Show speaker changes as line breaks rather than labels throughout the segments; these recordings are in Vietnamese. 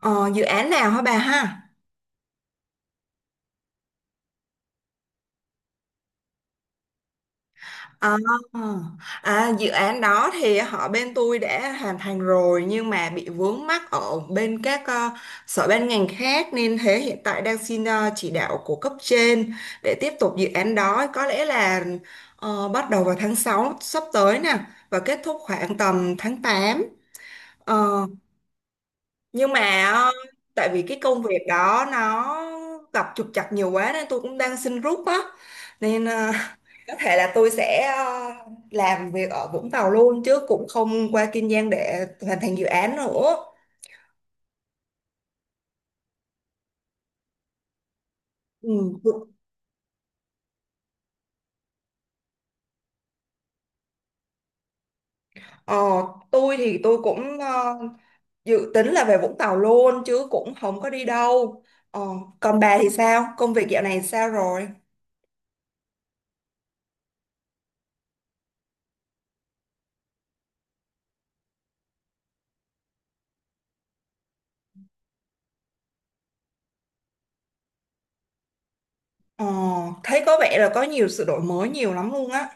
Ờ, dự án nào hả bà ha? Ờ, dự án đó thì họ bên tôi đã hoàn thành rồi nhưng mà bị vướng mắc ở bên các sở ban ngành khác nên thế hiện tại đang xin chỉ đạo của cấp trên để tiếp tục dự án đó, có lẽ là bắt đầu vào tháng 6 sắp tới nè và kết thúc khoảng tầm tháng tám. Ờ, nhưng mà tại vì cái công việc đó nó gặp trục trặc nhiều quá nên tôi cũng đang xin rút á, nên có thể là tôi sẽ làm việc ở Vũng Tàu luôn chứ cũng không qua Kiên Giang để hoàn thành dự án nữa. Ừ. ờ, tôi thì tôi cũng dự tính là về Vũng Tàu luôn chứ cũng không có đi đâu. ờ, Còn bà thì sao, công việc dạo này sao rồi? ờ, Thấy có vẻ là có nhiều sự đổi mới nhiều lắm luôn á.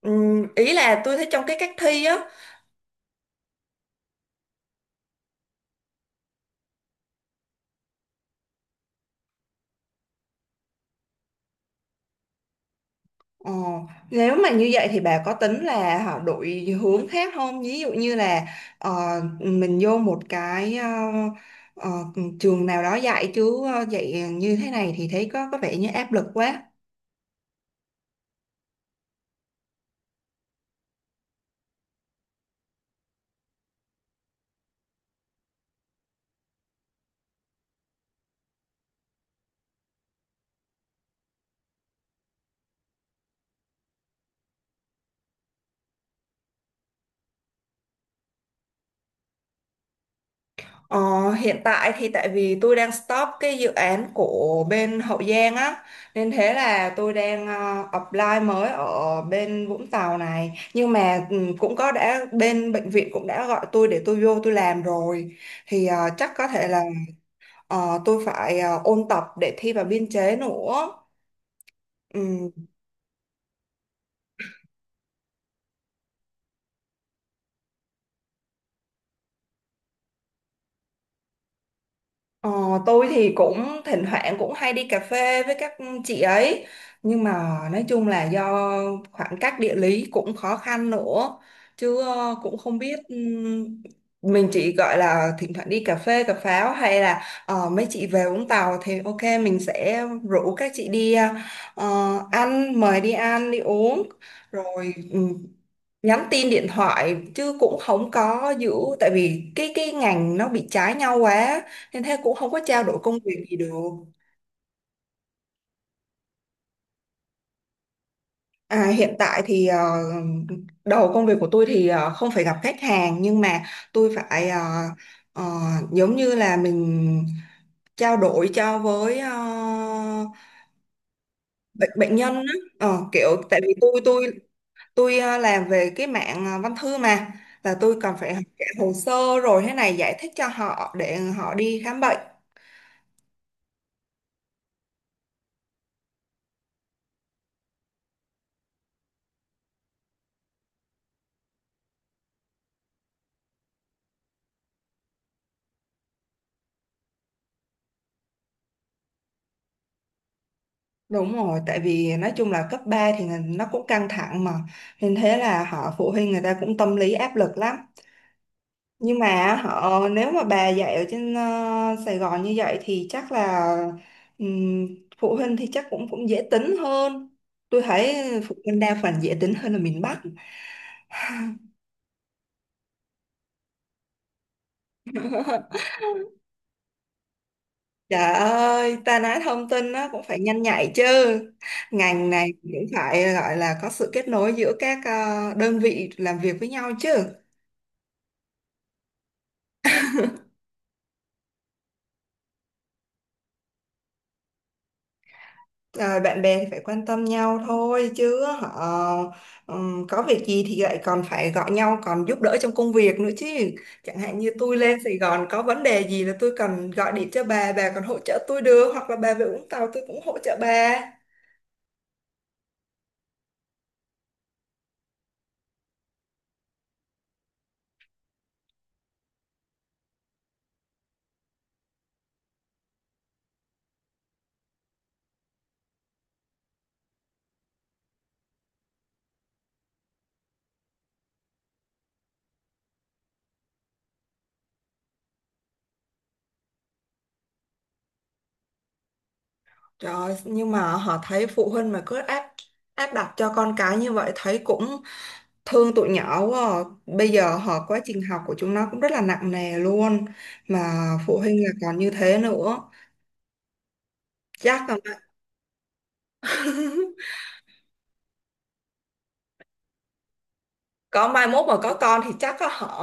Ừ, ý là tôi thấy trong cái cách thi á. Ờ, nếu mà như vậy thì bà có tính là họ đổi hướng khác không? Ví dụ như là ờ, mình vô một cái ờ, trường nào đó dạy chứ dạy như thế này thì thấy có vẻ như áp lực quá. Ờ, Hiện tại thì tại vì tôi đang stop cái dự án của bên Hậu Giang á, nên thế là tôi đang apply mới ở bên Vũng Tàu này, nhưng mà cũng có, đã bên bệnh viện cũng đã gọi tôi để tôi vô tôi làm rồi, thì chắc có thể là tôi phải ôn tập để thi vào biên chế nữa. Ừ. Ờ, tôi thì cũng thỉnh thoảng cũng hay đi cà phê với các chị ấy, nhưng mà nói chung là do khoảng cách địa lý cũng khó khăn nữa, chứ cũng không biết mình chỉ gọi là thỉnh thoảng đi cà phê cà pháo, hay là mấy chị về Vũng Tàu thì ok mình sẽ rủ các chị đi ăn, mời đi ăn đi uống rồi nhắn tin điện thoại chứ cũng không có giữ, tại vì cái ngành nó bị trái nhau quá nên thế cũng không có trao đổi công việc gì được. À, hiện tại thì đầu công việc của tôi thì không phải gặp khách hàng, nhưng mà tôi phải ờ, giống như là mình trao đổi cho với bệnh bệnh nhân á. Ờ, kiểu tại vì tôi làm về cái mạng văn thư mà, là tôi cần phải học cả hồ sơ rồi thế này giải thích cho họ để họ đi khám bệnh. Đúng rồi, tại vì nói chung là cấp 3 thì là nó cũng căng thẳng mà. Nên thế là họ, phụ huynh người ta cũng tâm lý áp lực lắm. Nhưng mà họ, nếu mà bà dạy ở trên Sài Gòn như vậy thì chắc là ừm, phụ huynh thì chắc cũng cũng dễ tính hơn. Tôi thấy phụ huynh đa phần dễ tính hơn là miền Bắc. Trời ơi, ta nói thông tin nó cũng phải nhanh nhạy chứ. Ngành này cũng phải gọi là có sự kết nối giữa các đơn vị làm việc với nhau chứ. Ờ, bạn bè thì phải quan tâm nhau thôi chứ họ có việc gì thì lại còn phải gọi nhau, còn giúp đỡ trong công việc nữa chứ. Chẳng hạn như tôi lên Sài Gòn có vấn đề gì là tôi cần gọi điện cho bà còn hỗ trợ tôi được, hoặc là bà về Vũng Tàu tôi cũng hỗ trợ bà. Trời, nhưng mà họ thấy phụ huynh mà cứ áp áp đặt cho con cái như vậy thấy cũng thương tụi nhỏ quá à. Bây giờ họ, quá trình học của chúng nó cũng rất là nặng nề luôn, mà phụ huynh là còn như thế nữa, chắc là có mai mốt mà có con thì chắc á, họ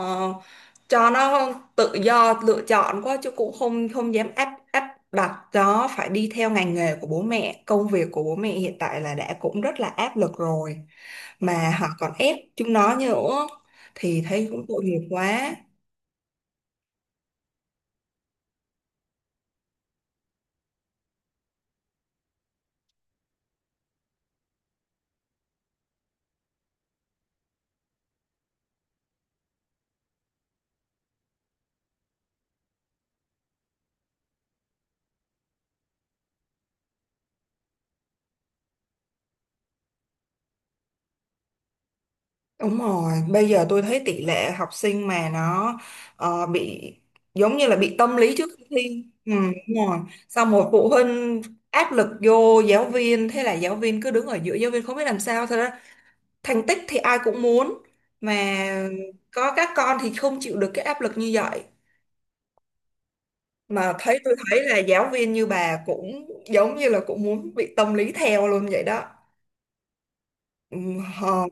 cho nó tự do lựa chọn quá chứ cũng không không dám áp áp đặt nó phải đi theo ngành nghề của bố mẹ, công việc của bố mẹ hiện tại là đã cũng rất là áp lực rồi, mà họ còn ép chúng nó nữa thì thấy cũng tội nghiệp quá. Đúng rồi, bây giờ tôi thấy tỷ lệ học sinh mà nó bị giống như là bị tâm lý trước khi thi. Ừ, đúng rồi. Xong một phụ huynh áp lực vô giáo viên, thế là giáo viên cứ đứng ở giữa, giáo viên không biết làm sao. Thật ra thành tích thì ai cũng muốn, mà có các con thì không chịu được cái áp lực như vậy. Mà thấy, tôi thấy là giáo viên như bà cũng giống như là cũng muốn bị tâm lý theo luôn vậy đó. Ừ, hờ,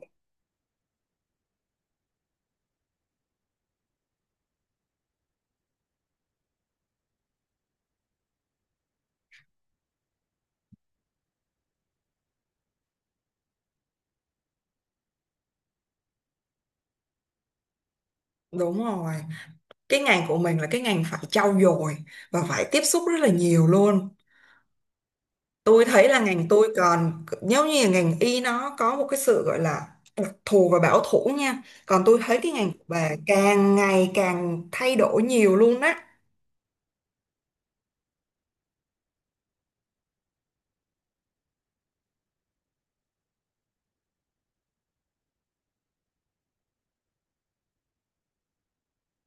đúng rồi. Cái ngành của mình là cái ngành phải trau dồi và phải tiếp xúc rất là nhiều luôn. Tôi thấy là ngành tôi, còn nếu như là ngành y nó có một cái sự gọi là đặc thù và bảo thủ nha, còn tôi thấy cái ngành của bà càng ngày càng thay đổi nhiều luôn á.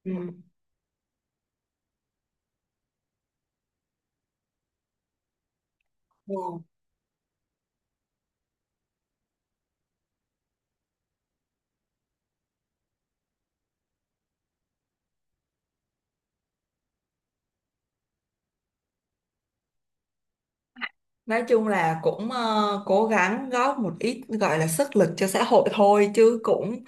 Ừ. Ừ. Nói chung là cũng cố gắng góp một ít gọi là sức lực cho xã hội thôi chứ cũng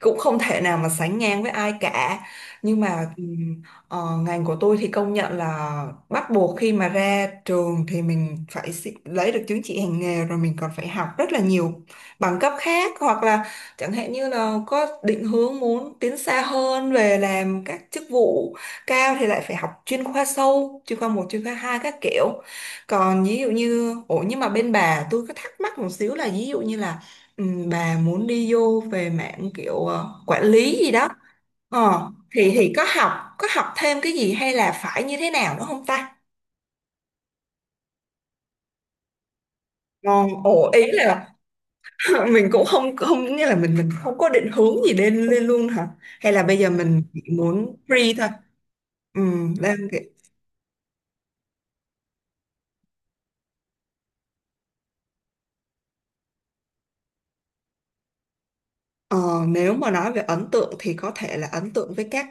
cũng không thể nào mà sánh ngang với ai cả, nhưng mà ngành của tôi thì công nhận là bắt buộc, khi mà ra trường thì mình phải lấy được chứng chỉ hành nghề, rồi mình còn phải học rất là nhiều bằng cấp khác, hoặc là chẳng hạn như là có định hướng muốn tiến xa hơn về làm các chức vụ cao thì lại phải học chuyên khoa sâu, chuyên khoa một, chuyên khoa hai các kiểu. Còn ví dụ như, ủa nhưng mà bên bà tôi có thắc mắc một xíu là, ví dụ như là Ừ, bà muốn đi vô về mạng kiểu quản lý gì đó thì có học thêm cái gì hay là phải như thế nào nữa không ta? Còn ồ, ý là mình cũng không không nghĩa là mình không có định hướng gì lên lên luôn hả, hay là bây giờ mình chỉ muốn free thôi? Ừ, đang kiểu- ờ, nếu mà nói về ấn tượng thì có thể là ấn tượng với các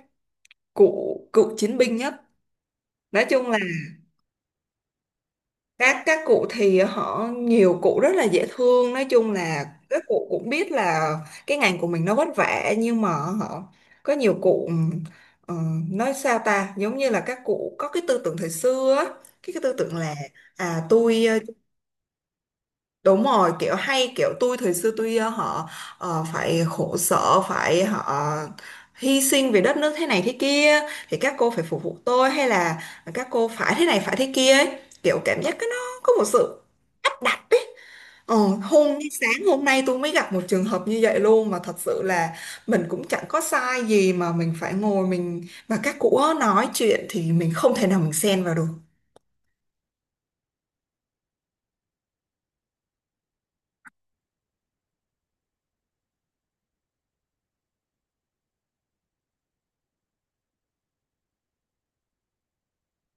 cụ cựu chiến binh nhất. Nói chung là các cụ thì họ, nhiều cụ rất là dễ thương, nói chung là các cụ cũng biết là cái ngành của mình nó vất vả, nhưng mà họ, có nhiều cụ ờ, nói sao ta, giống như là các cụ có cái tư tưởng thời xưa á, cái tư tưởng là à tôi Đúng rồi, kiểu hay kiểu tôi thời xưa tôi họ phải khổ sở, phải họ hy sinh vì đất nước thế này thế kia, thì các cô phải phục vụ tôi, hay là các cô phải thế này phải thế kia ấy. Kiểu cảm giác cái nó có một sự áp đặt ấy. Ờ, hôm sáng hôm nay tôi mới gặp một trường hợp như vậy luôn, mà thật sự là mình cũng chẳng có sai gì mà mình phải ngồi, mình mà các cụ nói chuyện thì mình không thể nào mình xen vào được.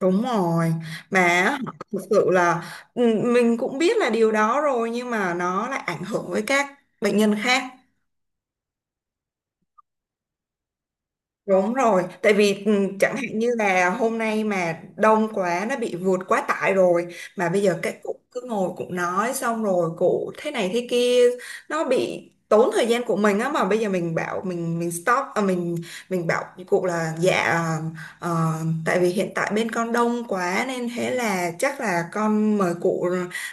Đúng rồi, mà á, thực sự là ừ, mình cũng biết là điều đó rồi, nhưng mà nó lại ảnh hưởng với các bệnh nhân khác. Đúng rồi, tại vì ừ, chẳng hạn như là hôm nay mà đông quá nó bị vượt quá tải rồi, mà bây giờ các cụ cứ ngồi cụ nói xong rồi cụ thế này thế kia, nó bị tốn thời gian của mình á, mà bây giờ mình bảo mình stop à, mình bảo với cụ là dạ ờ, tại vì hiện tại bên con đông quá nên thế là chắc là con mời cụ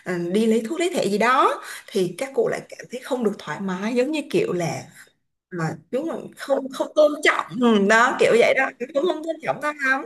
ừ, đi lấy thuốc lấy thẻ gì đó, thì các cụ lại cảm thấy không được thoải mái, giống như kiểu là à, đúng rồi, không không tôn trọng, ừ, đó kiểu vậy đó, cũng không tôn trọng ta lắm.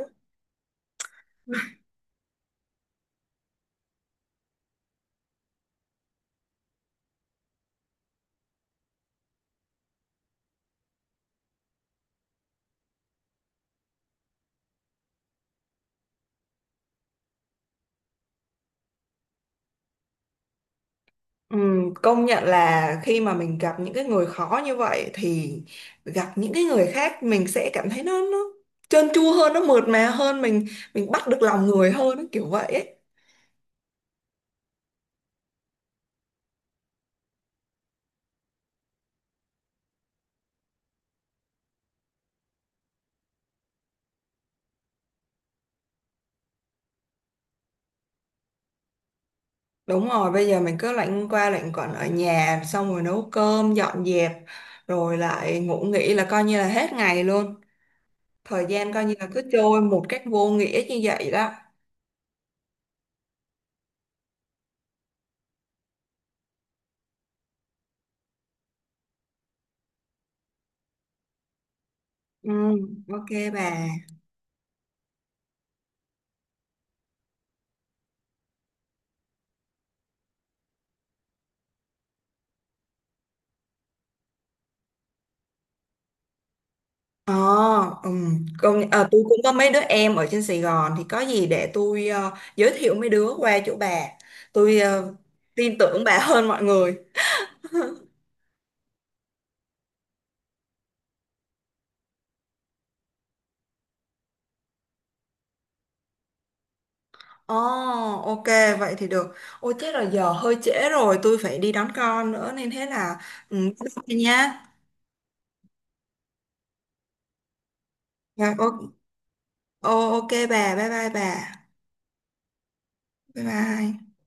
Ừ, công nhận là khi mà mình gặp những cái người khó như vậy thì gặp những cái người khác mình sẽ cảm thấy nó trơn tru hơn, nó mượt mà hơn, mình bắt được lòng người hơn ấy, kiểu vậy ấy. Đúng rồi, bây giờ mình cứ lạnh qua lạnh quẩn ở nhà xong rồi nấu cơm dọn dẹp, rồi lại ngủ nghỉ là coi như là hết ngày luôn, thời gian coi như là cứ trôi một cách vô nghĩa như vậy đó. Ừ, ok bà. Ờ, à, tôi cũng có mấy đứa em ở trên Sài Gòn thì có gì để tôi giới thiệu mấy đứa qua chỗ bà. Tôi tin tưởng bà hơn mọi người. Ồ, ok, vậy thì được. Ôi chết rồi, giờ hơi trễ rồi, tôi phải đi đón con nữa nên thế là ừ, bye bye nha. Dạ, ok bà, bye bye bà. Bye bye.